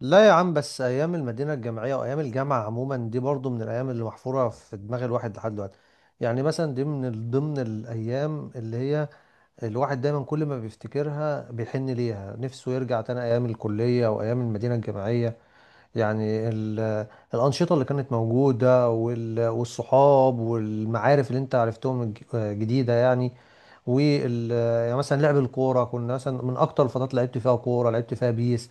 لا يا عم، بس ايام المدينه الجامعيه وايام الجامعه عموما دي برضو من الايام اللي محفوره في دماغ الواحد لحد دلوقتي. يعني مثلا دي من ضمن الايام اللي هي الواحد دايما كل ما بيفتكرها بيحن ليها نفسه يرجع تاني ايام الكليه وايام المدينه الجامعيه. يعني الانشطه اللي كانت موجوده، والصحاب والمعارف اللي انت عرفتهم جديده يعني. وال يعني مثلا لعب الكوره، كنا مثلا من اكتر الفترات اللي لعبت فيها كوره، لعبت فيها بيس.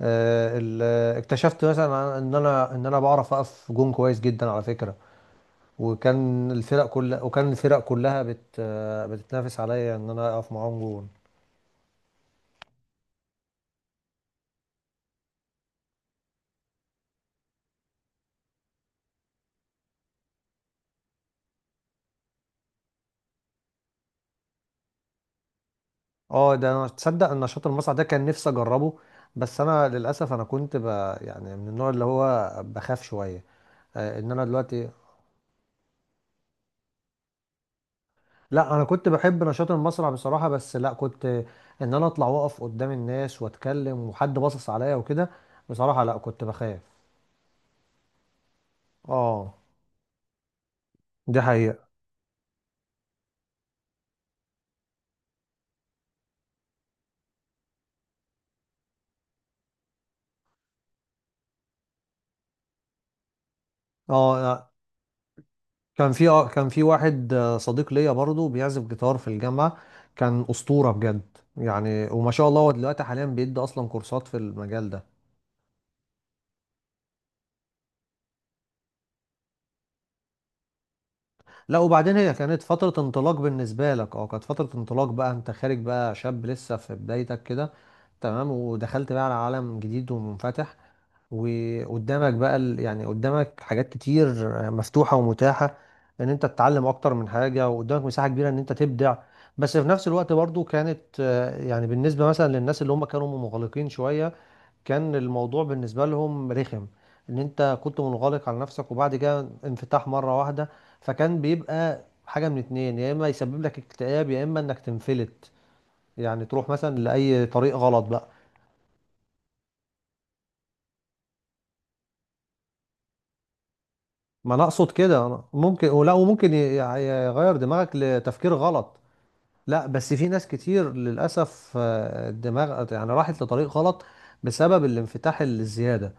آه، ال- اكتشفت مثلا ان انا ان انا بعرف اقف جون كويس جدا على فكره. وكان الفرق كلها بت آه، بتتنافس عليا ان انا اقف معاهم جون. اه، ده انا تصدق ان نشاط المصنع ده كان نفسي اجربه. بس انا للاسف، انا كنت يعني من النوع اللي هو بخاف شويه. ان انا دلوقتي. لا، انا كنت بحب نشاط المصنع بصراحه، بس لا كنت ان انا اطلع واقف قدام الناس واتكلم وحد باصص عليا وكده. بصراحه، لا كنت بخاف. اه، دي حقيقة. اه، أنا كان في واحد صديق ليا برضه بيعزف جيتار في الجامعة. كان أسطورة بجد يعني، وما شاء الله، هو دلوقتي حاليا بيدي أصلا كورسات في المجال ده. لا، وبعدين هي كانت فترة انطلاق بالنسبة لك، كانت فترة انطلاق، بقى انت خارج، بقى شاب لسه في بدايتك كده. تمام، ودخلت بقى على عالم جديد ومنفتح. وقدامك بقى يعني قدامك حاجات كتير مفتوحة ومتاحة، ان انت تتعلم اكتر من حاجة، وقدامك مساحة كبيرة ان انت تبدع. بس في نفس الوقت برضو كانت، يعني بالنسبة مثلا للناس اللي هم كانوا منغلقين شوية، كان الموضوع بالنسبة لهم رخم، ان انت كنت منغلق على نفسك وبعد كده انفتاح مرة واحدة. فكان بيبقى حاجة من اتنين: يا اما يسبب لك اكتئاب، يا اما انك تنفلت، يعني تروح مثلا لأي طريق غلط بقى. ما انا اقصد كده، أنا ممكن ولا وممكن يغير دماغك لتفكير غلط. لا، بس في ناس كتير للاسف، الدماغ يعني راحت لطريق غلط بسبب الانفتاح الزياده،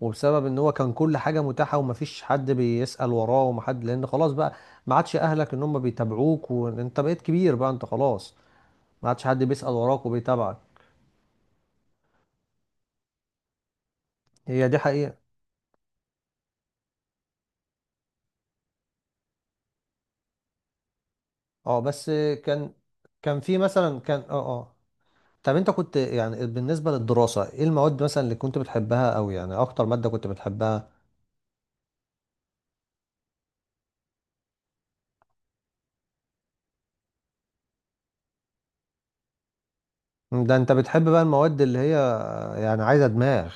وبسبب ان هو كان كل حاجه متاحه، ومفيش حد بيسأل وراه، ومحد لان خلاص بقى ما عادش اهلك ان هم بيتابعوك، وانت بقيت كبير، بقى انت خلاص ما عادش حد بيسأل وراك وبيتابعك. هي دي حقيقة. اه، بس. كان كان في مثلا كان طب انت كنت يعني بالنسبة للدراسة، ايه المواد مثلا اللي كنت بتحبها؟ او يعني اكتر مادة كنت بتحبها؟ ده انت بتحب بقى المواد اللي هي، يعني عايزة دماغ.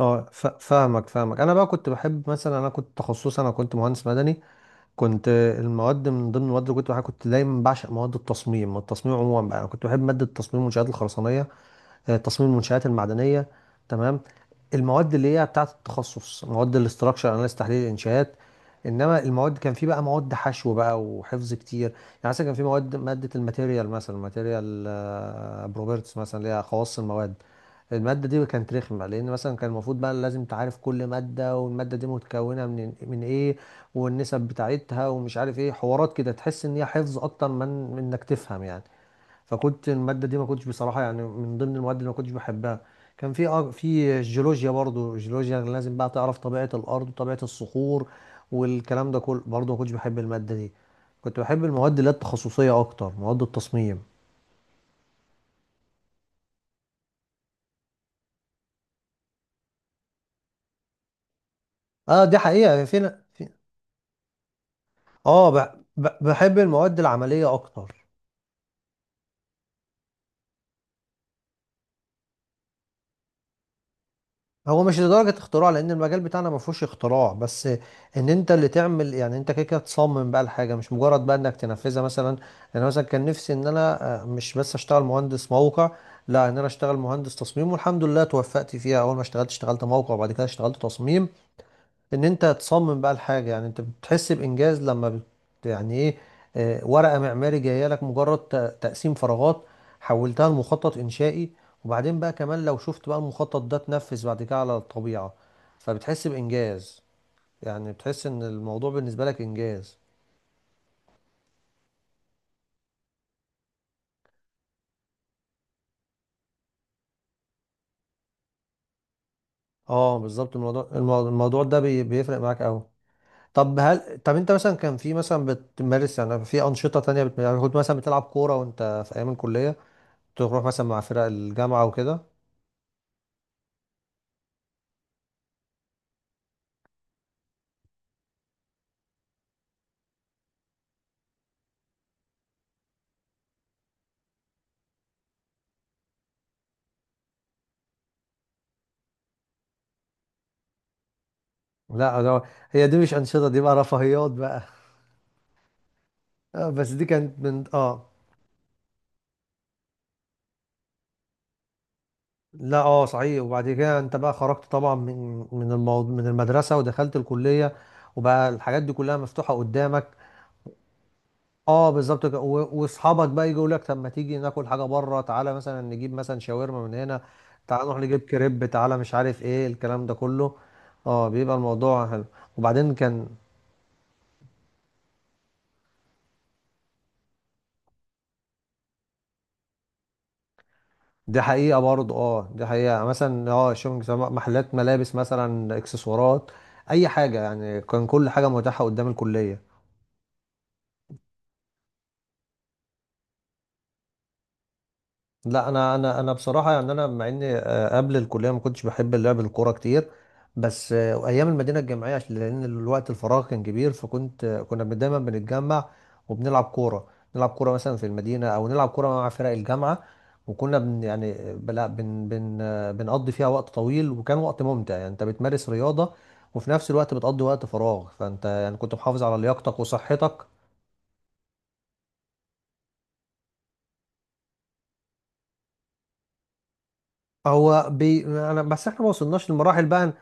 اه، فاهمك فاهمك. انا بقى كنت بحب، مثلا انا كنت تخصصي، انا كنت مهندس مدني. كنت المواد، من ضمن المواد اللي كنت بحبها، كنت دايما بعشق مواد التصميم. التصميم عموما بقى، انا كنت بحب مادة التصميم والمنشآت الخرسانية، تصميم المنشآت المعدنية. تمام. المواد اللي هي بتاعة التخصص، مواد الاستراكشر اناليز، تحليل الانشاءات. انما المواد، كان في بقى مواد حشو بقى وحفظ كتير يعني. مثلا كان في مواد، مادة الماتيريال مثلا، ماتيريال بروبرتس، مثلا اللي هي خواص المواد. المادة دي كانت رخمة، لأن مثلا كان المفروض بقى لازم تعرف كل مادة، والمادة دي متكونة من إيه، والنسب بتاعتها، ومش عارف إيه حوارات كده، تحس إن هي حفظ أكتر من إنك تفهم يعني. فكنت المادة دي ما كنتش بصراحة يعني من ضمن المواد اللي ما كنتش بحبها. كان في في الجيولوجيا برضو. الجيولوجيا لازم بقى تعرف طبيعة الأرض وطبيعة الصخور، والكلام ده كله برضو، ما كنتش بحب المادة دي. كنت بحب المواد اللي هي التخصصية أكتر، مواد التصميم. اه، دي حقيقة. في. اه، بحب المواد العملية أكتر. هو مش لدرجة اختراع، لأن المجال بتاعنا ما فيهوش اختراع، بس إن أنت اللي تعمل، يعني أنت كده كده تصمم بقى الحاجة، مش مجرد بقى إنك تنفذها مثلا. أنا مثلا كان نفسي إن أنا مش بس أشتغل مهندس موقع، لا إن أنا أشتغل مهندس تصميم، والحمد لله توفقت فيها. أول ما اشتغلت، اشتغلت موقع، وبعد كده اشتغلت تصميم. ان انت تصمم بقى الحاجه، يعني انت بتحس بانجاز لما يعني ايه؟ ورقه معماري جايه لك، مجرد تقسيم فراغات، حولتها لمخطط انشائي، وبعدين بقى كمان لو شفت بقى المخطط ده اتنفذ بعد كده على الطبيعه، فبتحس بانجاز. يعني بتحس ان الموضوع بالنسبه لك انجاز. اه، بالظبط. الموضوع الموضوع ده بيفرق معاك قوي. طب انت مثلا كان في مثلا بتمارس يعني في انشطه تانية يعني كنت مثلا بتلعب كوره وانت في ايام الكليه؟ تروح مثلا مع فرق الجامعه وكده؟ لا، ده. هي دي مش أنشطة، دي بقى رفاهيات بقى. بس دي كانت من لا، صحيح. وبعد كده انت بقى خرجت طبعا من المدرسة ودخلت الكلية، وبقى الحاجات دي كلها مفتوحة قدامك. اه، بالظبط كده. واصحابك بقى يجوا يقول لك: طب ما تيجي ناكل حاجة بره، تعالى مثلا نجيب مثلا شاورما من هنا، تعالى نروح نجيب كريب، تعالى مش عارف ايه، الكلام ده كله. اه، بيبقى الموضوع حلو. وبعدين كان. دي حقيقة برضه. اه دي حقيقة. يعني مثلا شوبينج، سواء محلات ملابس مثلا، اكسسوارات، اي حاجة يعني. كان كل حاجة متاحة قدام الكلية. لا، انا بصراحه يعني، انا مع اني قبل الكليه ما كنتش بحب اللعب الكوره كتير. بس ايام المدينه الجامعيه، عشان لان الوقت الفراغ كان كبير، فكنت آه، كنا دايما بنتجمع وبنلعب كوره، نلعب كوره مثلا في المدينه، او نلعب كوره مع فرق الجامعه. وكنا يعني بلا بن بن آه، بنقضي فيها وقت طويل، وكان وقت ممتع، يعني انت بتمارس رياضه، وفي نفس الوقت بتقضي وقت فراغ، فانت يعني كنت محافظ على لياقتك وصحتك. هو بي... انا بس، احنا ما وصلناش للمراحل بقى.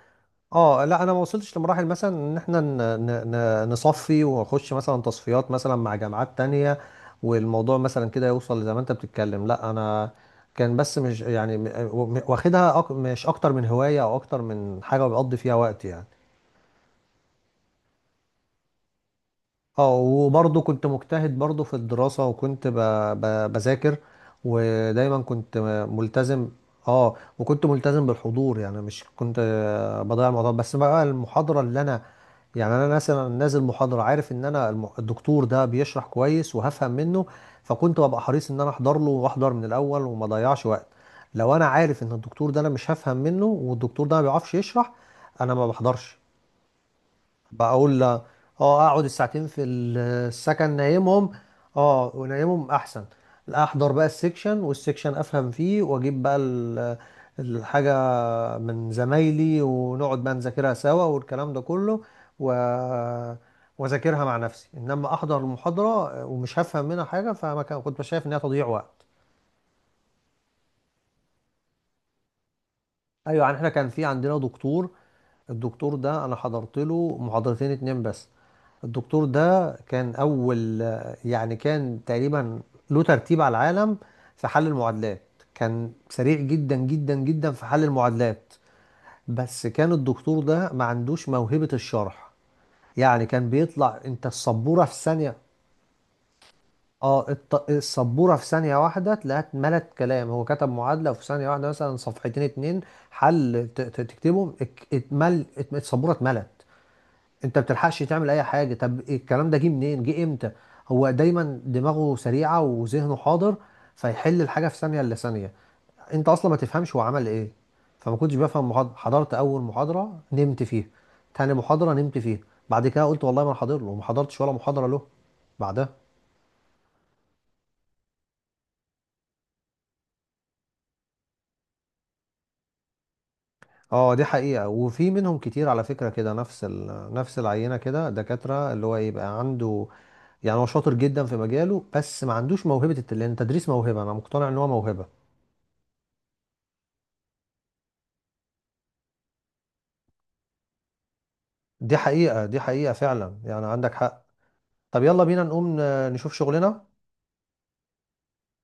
اه، لا. انا ما وصلتش لمراحل مثلا ان احنا نصفي ونخش مثلا تصفيات مثلا مع جامعات تانية، والموضوع مثلا كده يوصل زي ما انت بتتكلم. لا، انا كان بس مش يعني واخدها مش اكتر من هواية، او اكتر من حاجة بقضي فيها وقت يعني. اه، وبرضه كنت مجتهد برضه في الدراسة، وكنت بذاكر، ودايما كنت ملتزم. اه، وكنت ملتزم بالحضور، يعني مش كنت بضيع الموضوع، بس بقى المحاضرة اللي انا، يعني انا مثلا نازل محاضره، عارف ان انا الدكتور ده بيشرح كويس وهفهم منه، فكنت ببقى حريص ان انا احضر له، واحضر من الاول، وما اضيعش وقت. لو انا عارف ان الدكتور ده انا مش هفهم منه، والدكتور ده ما بيعرفش يشرح، انا ما بحضرش. بقول لا، اه، اقعد الساعتين في السكن نايمهم. اه، ونايمهم احسن. لا احضر بقى السكشن، والسكشن افهم فيه، واجيب بقى الحاجة من زمايلي، ونقعد بقى نذاكرها سوا والكلام ده كله. و... واذاكرها مع نفسي. انما احضر المحاضرة ومش هفهم منها حاجة، فما كان كنت شايف انها تضييع وقت. ايوه، يعني احنا كان في عندنا دكتور. الدكتور ده انا حضرت له محاضرتين اتنين بس. الدكتور ده كان اول، يعني كان تقريبا له ترتيب على العالم في حل المعادلات، كان سريع جدا جدا جدا في حل المعادلات. بس كان الدكتور ده ما عندوش موهبة الشرح. يعني كان بيطلع انت السبورة في ثانية. اه، السبورة في ثانية واحدة تلاقيها اتملت كلام. هو كتب معادلة، وفي ثانية واحدة مثلا صفحتين اتنين حل. تكتبهم، السبورة اتملت. انت بتلحقش تعمل اي حاجه. طب الكلام ده جه منين؟ جه امتى؟ هو دايما دماغه سريعه وذهنه حاضر، فيحل الحاجه في ثانيه الا ثانيه. انت اصلا ما تفهمش هو عمل ايه. فما كنتش بفهم محاضره. حضرت اول محاضره نمت فيها، تاني محاضره نمت فيها. بعد كده قلت والله ما أنا حاضر له، وما حضرتش ولا محاضره له بعدها. اه، دي حقيقه. وفي منهم كتير على فكره كده، نفس العينه كده، دكاتره اللي هو يبقى عنده. يعني هو شاطر جدا في مجاله، بس ما عندوش موهبه لان التدريس موهبه، انا مقتنع ان هو موهبه. دي حقيقة، دي حقيقة فعلا. يعني عندك حق. طب يلا بينا نقوم نشوف شغلنا.